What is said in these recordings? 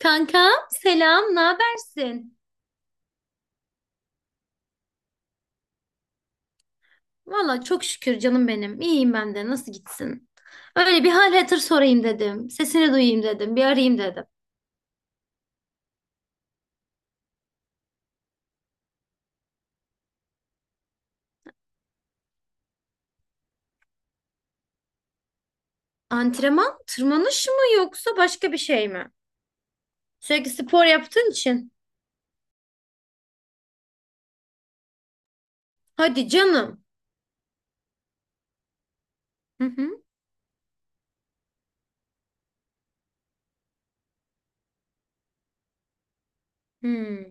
Kankam selam, ne habersin? Valla çok şükür canım benim. İyiyim ben de. Nasıl gitsin? Öyle bir hal hatır sorayım dedim. Sesini duyayım dedim. Bir arayayım dedim. Antrenman, tırmanış mı yoksa başka bir şey mi? Sürekli spor yaptığın için. Hadi canım. Hı hı. Hmm.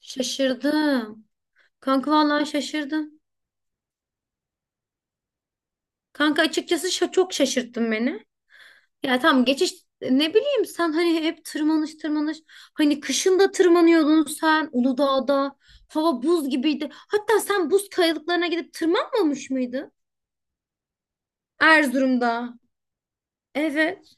Şaşırdım. Kanka vallahi şaşırdım. Kanka açıkçası çok şaşırttın beni. Ya tamam geçiş, ne bileyim, sen hani hep tırmanış tırmanış, hani kışın da tırmanıyordun sen Uludağ'da, hava buz gibiydi. Hatta sen buz kayalıklarına gidip tırmanmamış mıydın? Erzurum'da. Evet.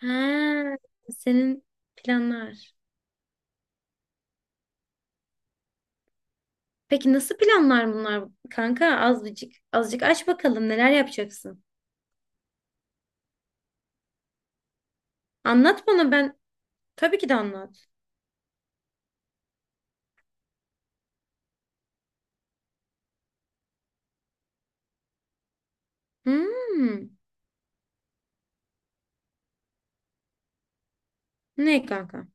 He, senin planlar. Peki nasıl planlar bunlar kanka? Azıcık azıcık aç bakalım, neler yapacaksın? Anlat bana, ben tabii ki de anlat. Hmm, ne kanka?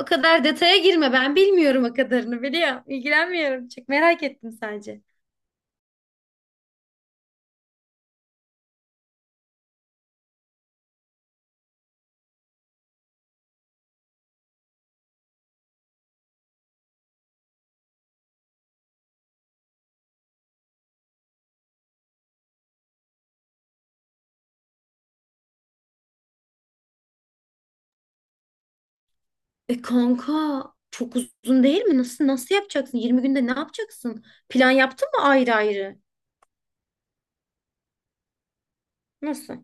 O kadar detaya girme. Ben bilmiyorum o kadarını biliyor. İlgilenmiyorum. Çok merak ettim sadece. E kanka, çok uzun değil mi? Nasıl yapacaksın? 20 günde ne yapacaksın? Plan yaptın mı ayrı ayrı? Nasıl?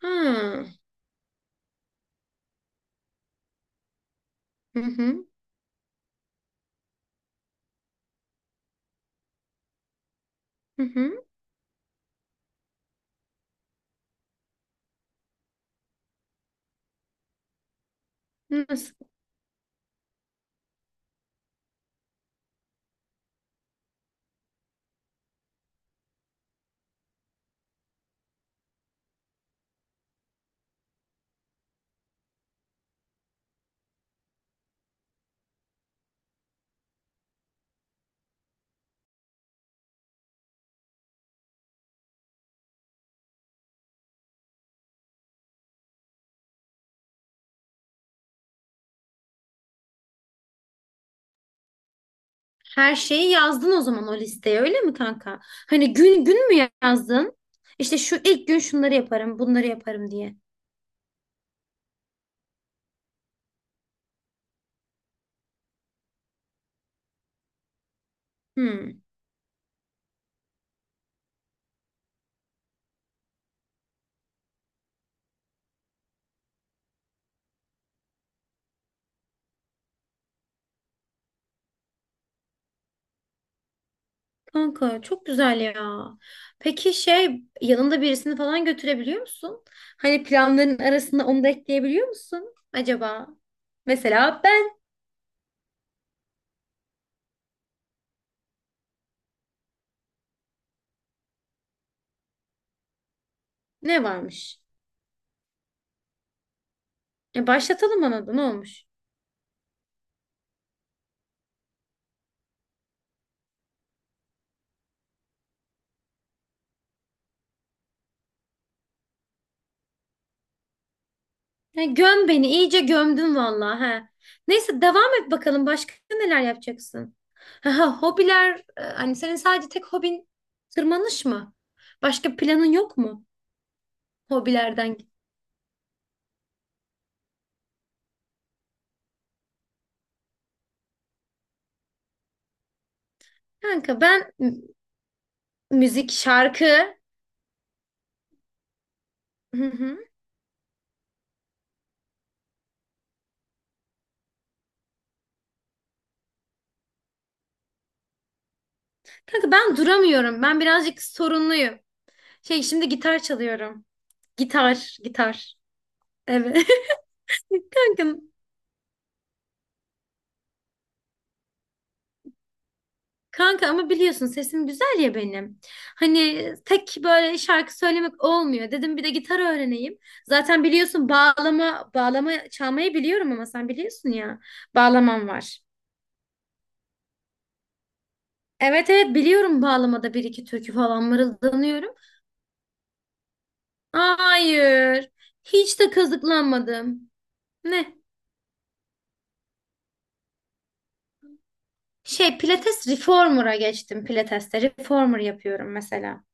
Ha. Hı hı. Hı hı. Nasıl? Her şeyi yazdın o zaman o listeye, öyle mi kanka? Hani gün gün mü yazdın? İşte şu ilk gün şunları yaparım, bunları yaparım diye. Hı. Kanka çok güzel ya. Peki şey, yanında birisini falan götürebiliyor musun? Hani planların arasında onu da ekleyebiliyor musun acaba? Mesela ben. Ne varmış? E başlatalım ona da, ne olmuş? Ya göm beni, iyice gömdün vallahi he. Neyse, devam et bakalım, başka neler yapacaksın? Ha, ha, hobiler, hani senin sadece tek hobin tırmanış mı? Başka planın yok mu hobilerden? Kanka ben müzik, şarkı. Hı hı. Kanka ben duramıyorum. Ben birazcık sorunluyum. Şey, şimdi gitar çalıyorum. Gitar, gitar. Evet. Kanka, kanka ama biliyorsun sesim güzel ya benim. Hani tek böyle şarkı söylemek olmuyor. Dedim bir de gitar öğreneyim. Zaten biliyorsun, bağlama çalmayı biliyorum, ama sen biliyorsun ya. Bağlamam var. Evet evet, biliyorum, bağlamada bir iki türkü falan mırıldanıyorum. Hayır. Hiç de kazıklanmadım. Ne? Şey, pilates reformer'a geçtim pilateste. Reformer yapıyorum mesela.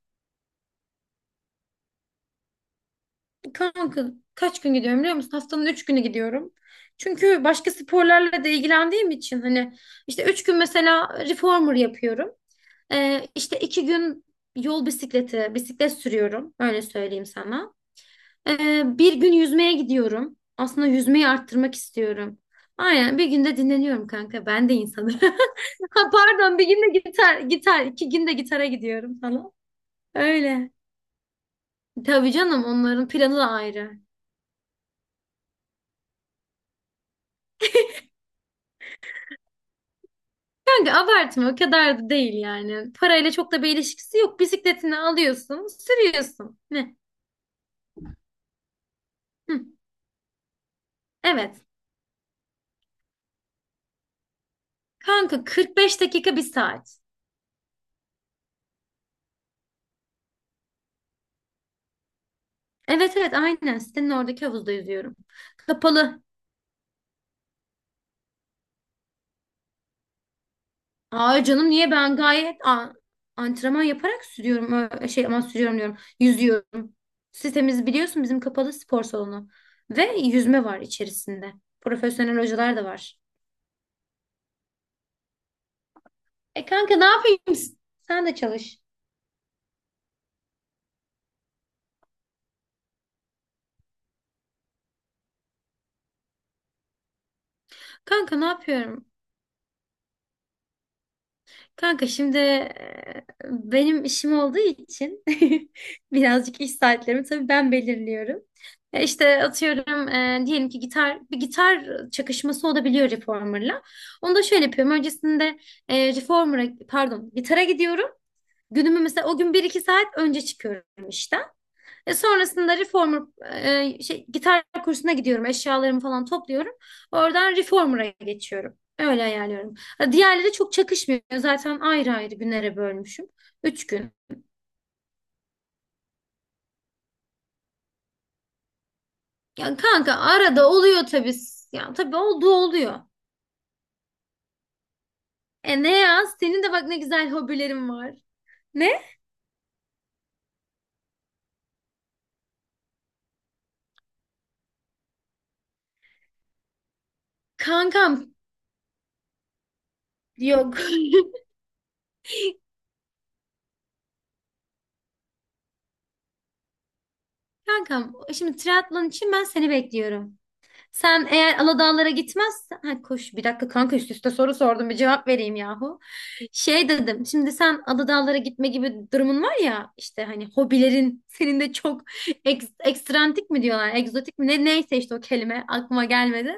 Kanka, kaç gün gidiyorum biliyor musun? Haftanın 3 günü gidiyorum. Çünkü başka sporlarla da ilgilendiğim için, hani işte 3 gün mesela reformer yapıyorum. İşte 2 gün yol bisikleti, bisiklet sürüyorum. Öyle söyleyeyim sana. Bir gün yüzmeye gidiyorum. Aslında yüzmeyi arttırmak istiyorum. Aynen, bir günde dinleniyorum kanka. Ben de insanım. Ha, pardon, bir günde gitar, gitar, 2 günde gitara gidiyorum falan. Öyle. Tabii canım, onların planı da ayrı. Kanka abartma, o kadar da değil yani. Parayla çok da bir ilişkisi yok. Bisikletini alıyorsun, sürüyorsun. Ne? Hı. Evet. Kanka, 45 dakika bir saat. Evet evet, aynen sitenin oradaki havuzda yüzüyorum. Kapalı. Aa canım, niye, ben gayet antrenman yaparak sürüyorum. Şey, ama sürüyorum diyorum. Yüzüyorum. Sitemiz biliyorsun bizim kapalı spor salonu. Ve yüzme var içerisinde. Profesyonel hocalar da var. E kanka, ne yapayım? Sen de çalış. Kanka, ne yapıyorum? Kanka şimdi, benim işim olduğu için birazcık iş saatlerimi tabii ben belirliyorum. E, İşte atıyorum, diyelim ki bir gitar çakışması olabiliyor reformer'la. Onu da şöyle yapıyorum. Öncesinde reformer'a, pardon, gitara gidiyorum. Günümü mesela o gün bir iki saat önce çıkıyorum işte. E sonrasında reformer, şey, gitar kursuna gidiyorum. Eşyalarımı falan topluyorum. Oradan reformer'a geçiyorum. Öyle ayarlıyorum. Ha, diğerleri çok çakışmıyor. Zaten ayrı ayrı günlere bölmüşüm. Üç gün. Ya kanka, arada oluyor tabii. Ya tabii, olduğu oluyor. E ne ya? Senin de bak ne güzel hobilerin var. Ne? Kankam yok. Kankam, şimdi triatlon için ben seni bekliyorum. Sen eğer Aladağlara gitmezsen... Ha, koş bir dakika kanka, üst üste soru sordum, bir cevap vereyim yahu. Şey dedim, şimdi sen Aladağlara gitme gibi durumun var ya, işte hani hobilerin senin de çok ekstrantik mi diyorlar, egzotik mi ne, neyse işte, o kelime aklıma gelmedi.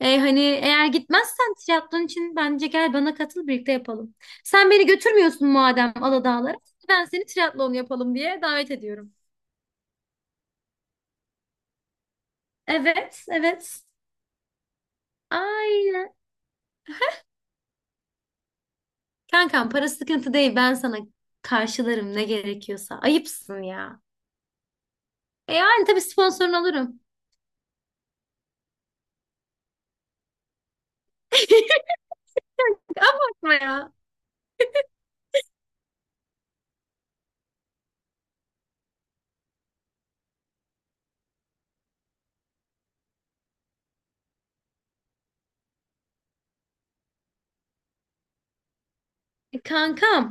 E, hani eğer gitmezsen triatlon için bence gel bana katıl, birlikte yapalım. Sen beni götürmüyorsun madem Aladağlara, ben seni triatlon yapalım diye davet ediyorum. Evet evet, aynen. Kankam, para sıkıntı değil, ben sana karşılarım ne gerekiyorsa. Ayıpsın ya. E yani tabii, sponsorunu alırım. Bakma ya. E kankam,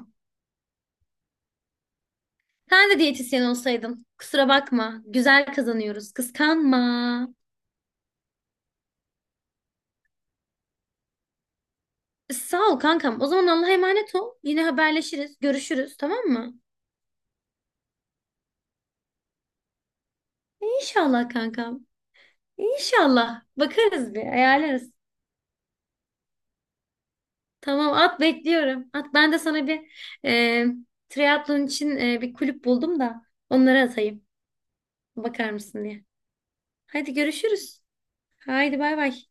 sen de diyetisyen olsaydın. Kusura bakma. Güzel kazanıyoruz. Kıskanma. E, sağ ol kankam. O zaman Allah'a emanet ol. Yine haberleşiriz. Görüşürüz, tamam mı? E, İnşallah kankam. E, İnşallah. Bakarız bir. Ayarlarız. Tamam, at bekliyorum. At, ben de sana bir e, triatlon için bir kulüp buldum da onları atayım. Bakar mısın diye. Hadi görüşürüz. Haydi bay bay.